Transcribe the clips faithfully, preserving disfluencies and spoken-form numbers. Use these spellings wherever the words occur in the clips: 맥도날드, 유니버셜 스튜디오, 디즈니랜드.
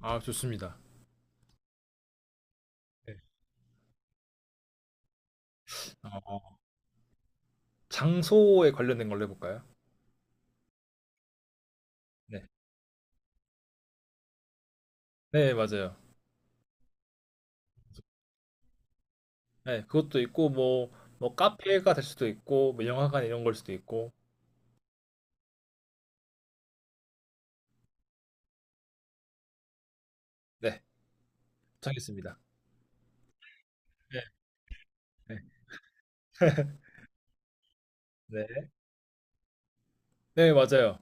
아, 좋습니다. 네. 어, 장소에 관련된 걸로 해볼까요? 네, 네, 맞아요. 네, 그것도 있고, 뭐, 뭐, 카페가 될 수도 있고, 뭐, 영화관 이런 걸 수도 있고, 네, 정했습니다. 네, 네. 네, 네, 맞아요.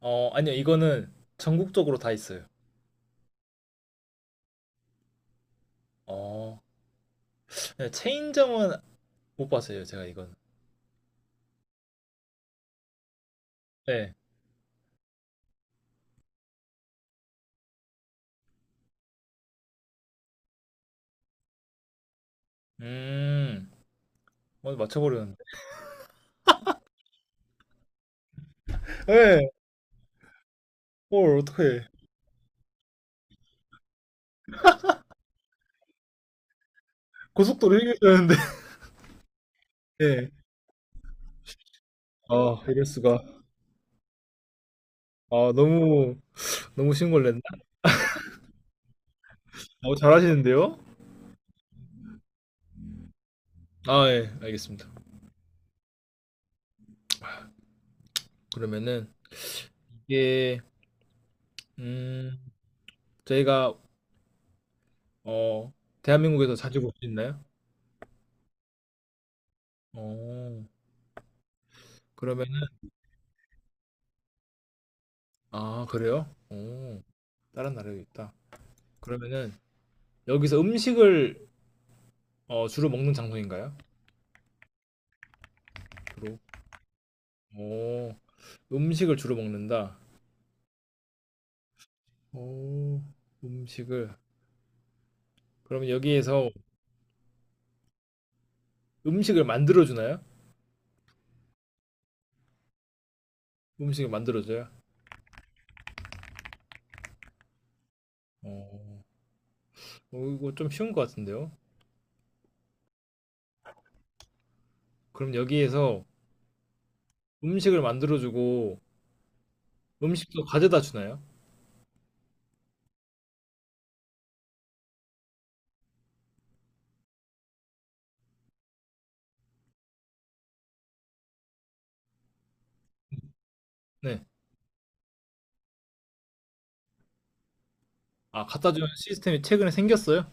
어, 아니요, 이거는 전국적으로 다 있어요. 어, 네, 체인점은 못 봤어요, 제가 이건. 네, 음, 어, 맞춰버렸는데. 네, 뭘, 어떡해. 고속도로 얘기했는데 네. 아, 이럴 수가. 아, 너무 너무 신고를 냈나? 너무 잘하시는데요? 아, 예, 알겠습니다. 그러면은 이게 음, 저희가 어, 대한민국에서 자주 볼 수 있나요? 어, 그러면은 아, 그래요? 어, 다른 나라에도 있다. 그러면은 여기서 음식을 어, 주로 먹는 장소인가요? 주로. 어, 음식을 주로 먹는다. 어, 음식을. 그러면 여기에서 음식을 만들어 주나요? 음식을 만들어 줘요? 어. 어, 이거 좀 쉬운 것 같은데요? 그럼 여기에서 음식을 만들어주고 음식도 가져다 주나요? 네. 아, 갖다 주는 시스템이 최근에 생겼어요?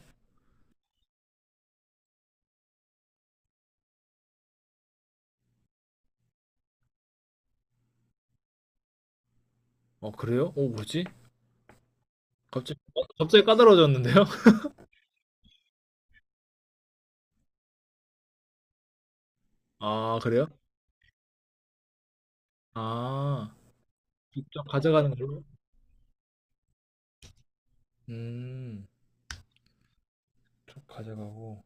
어, 그래요? 어, 뭐지? 갑자기, 어, 갑자기 까다로워졌는데요? 아, 그래요? 아, 직접 가져가는 걸로? 음, 쭉 가져가고.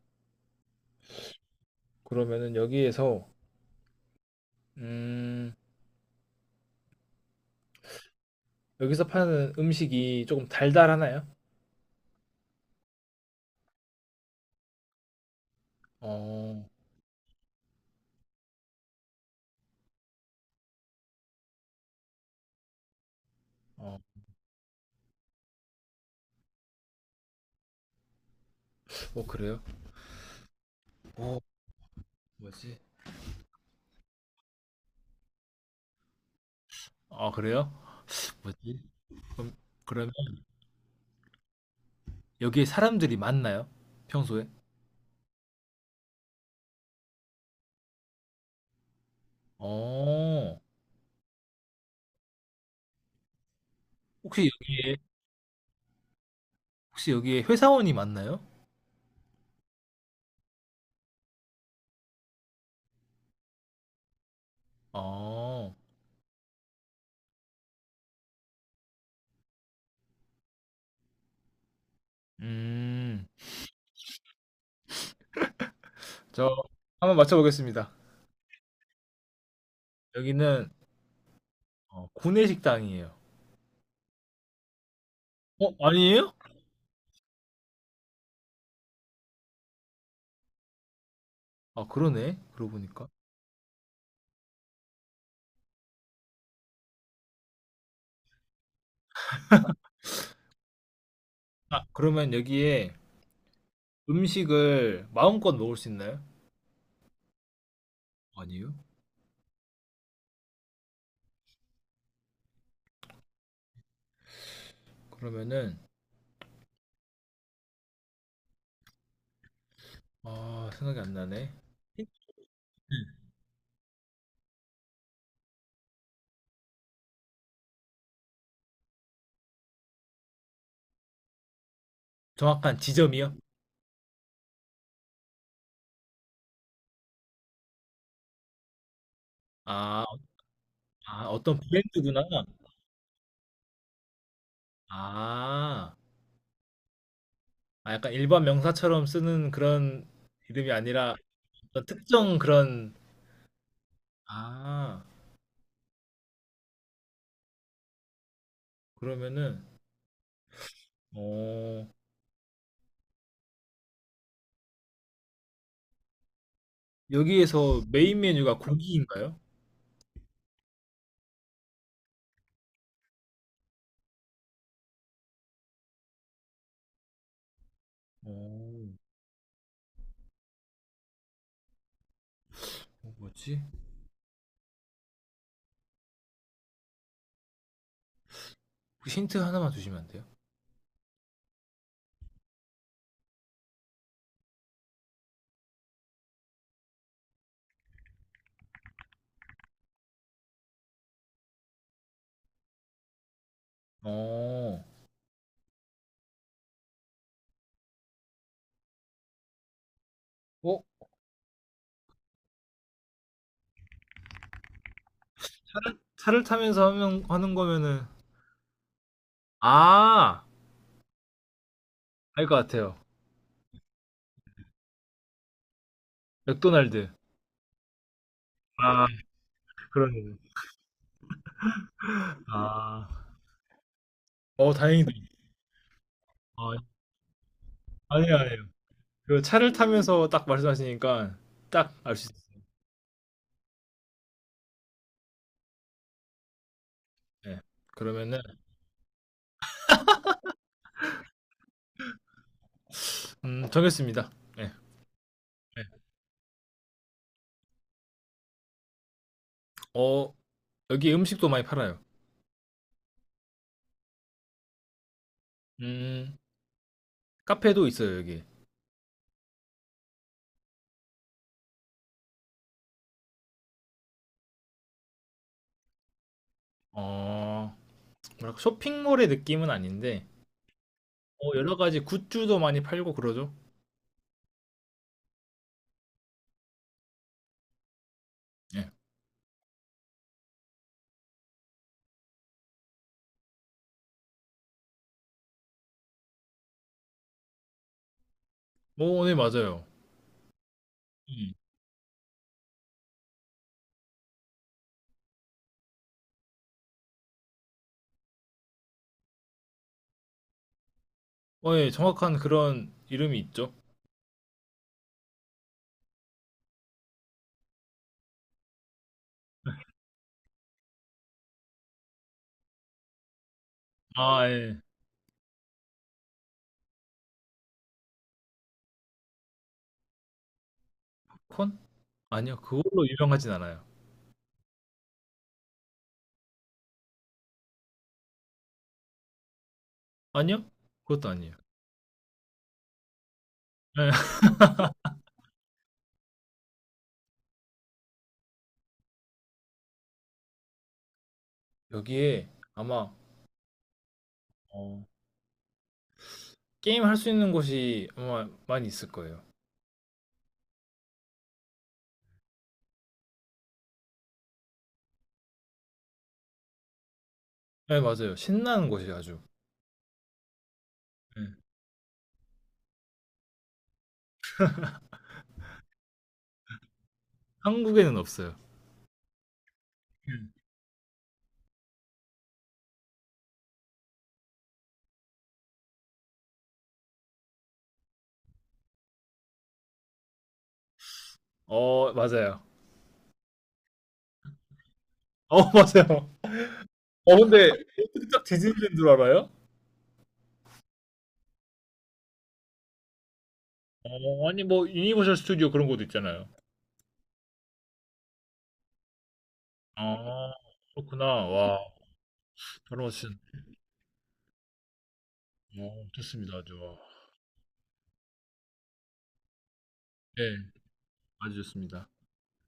그러면은 여기에서, 음, 여기서 파는 음식이 조금 달달하나요? 어, 어, 어, 그래요? 어, 뭐지? 아, 그래요? 뭐지? 그럼, 그러면 여기에 사람들이 많나요? 평소에? 어, 혹시 여기에, 혹시 여기에 회사원이 많나요? 어, 음, 저 한번 맞춰보겠습니다. 여기는 어, 구내식당이에요. 어, 아니에요? 아, 그러네. 그러고 보니까. 아, 그러면 여기에 음식을 마음껏 먹을 수 있나요? 아니요. 그러면은, 아, 생각이 안 나네. 정확한 지점이요? 아, 아, 어떤 브랜드구나. 아, 아 약간 일반 명사처럼 쓰는 그런 이름이 아니라 어떤 특정 그런 아 그러면은 어 여기에서 메인 메뉴가 고기인가요? 어 어, 뭐지? 혹시 힌트 하나만 주시면 안 돼요? 어, 어? 차를 타면서 하면, 하는 거면은 아! 알 것 같아요. 맥도날드. 아, 그러네요. 아. 어, 다행이다. 아, 아니에요, 아니에요. 그 차를 타면서 딱 말씀하시니까 딱 알 수 있어요. 네. 그러면은 음, 정했습니다. 예. 예. 어, 여기 음식도 많이 팔아요. 음, 카페도 있어요, 여기. 어, 뭐랄까, 쇼핑몰의 느낌은 아닌데, 어, 여러 가지 굿즈도 많이 팔고 그러죠. 예. 오, 네, 맞아요. 음. 어, 예, 정확한 그런 이름이 있죠. 아, 예. 콘? 아니요, 그걸로 유명하진 않아요. 아니요? 그것도 아니에요. 예. 여기에 아마, 어, 게임 할 수 있는 곳이 아마 많이 있을 거예요. 네, 맞아요. 신나는 곳이 아주. 예. 한국에는 없어요. 예. 어, 맞아요. 어, 맞아요. 어, 근데 어떻게 딱 디즈니랜드 줄 알아요? 어, 아니 뭐 유니버셜 스튜디오 그런 곳도 있잖아요. 아, 그렇구나. 와, 바로 맞추신. 어, 좋습니다. 아주. 네, 아주 좋습니다.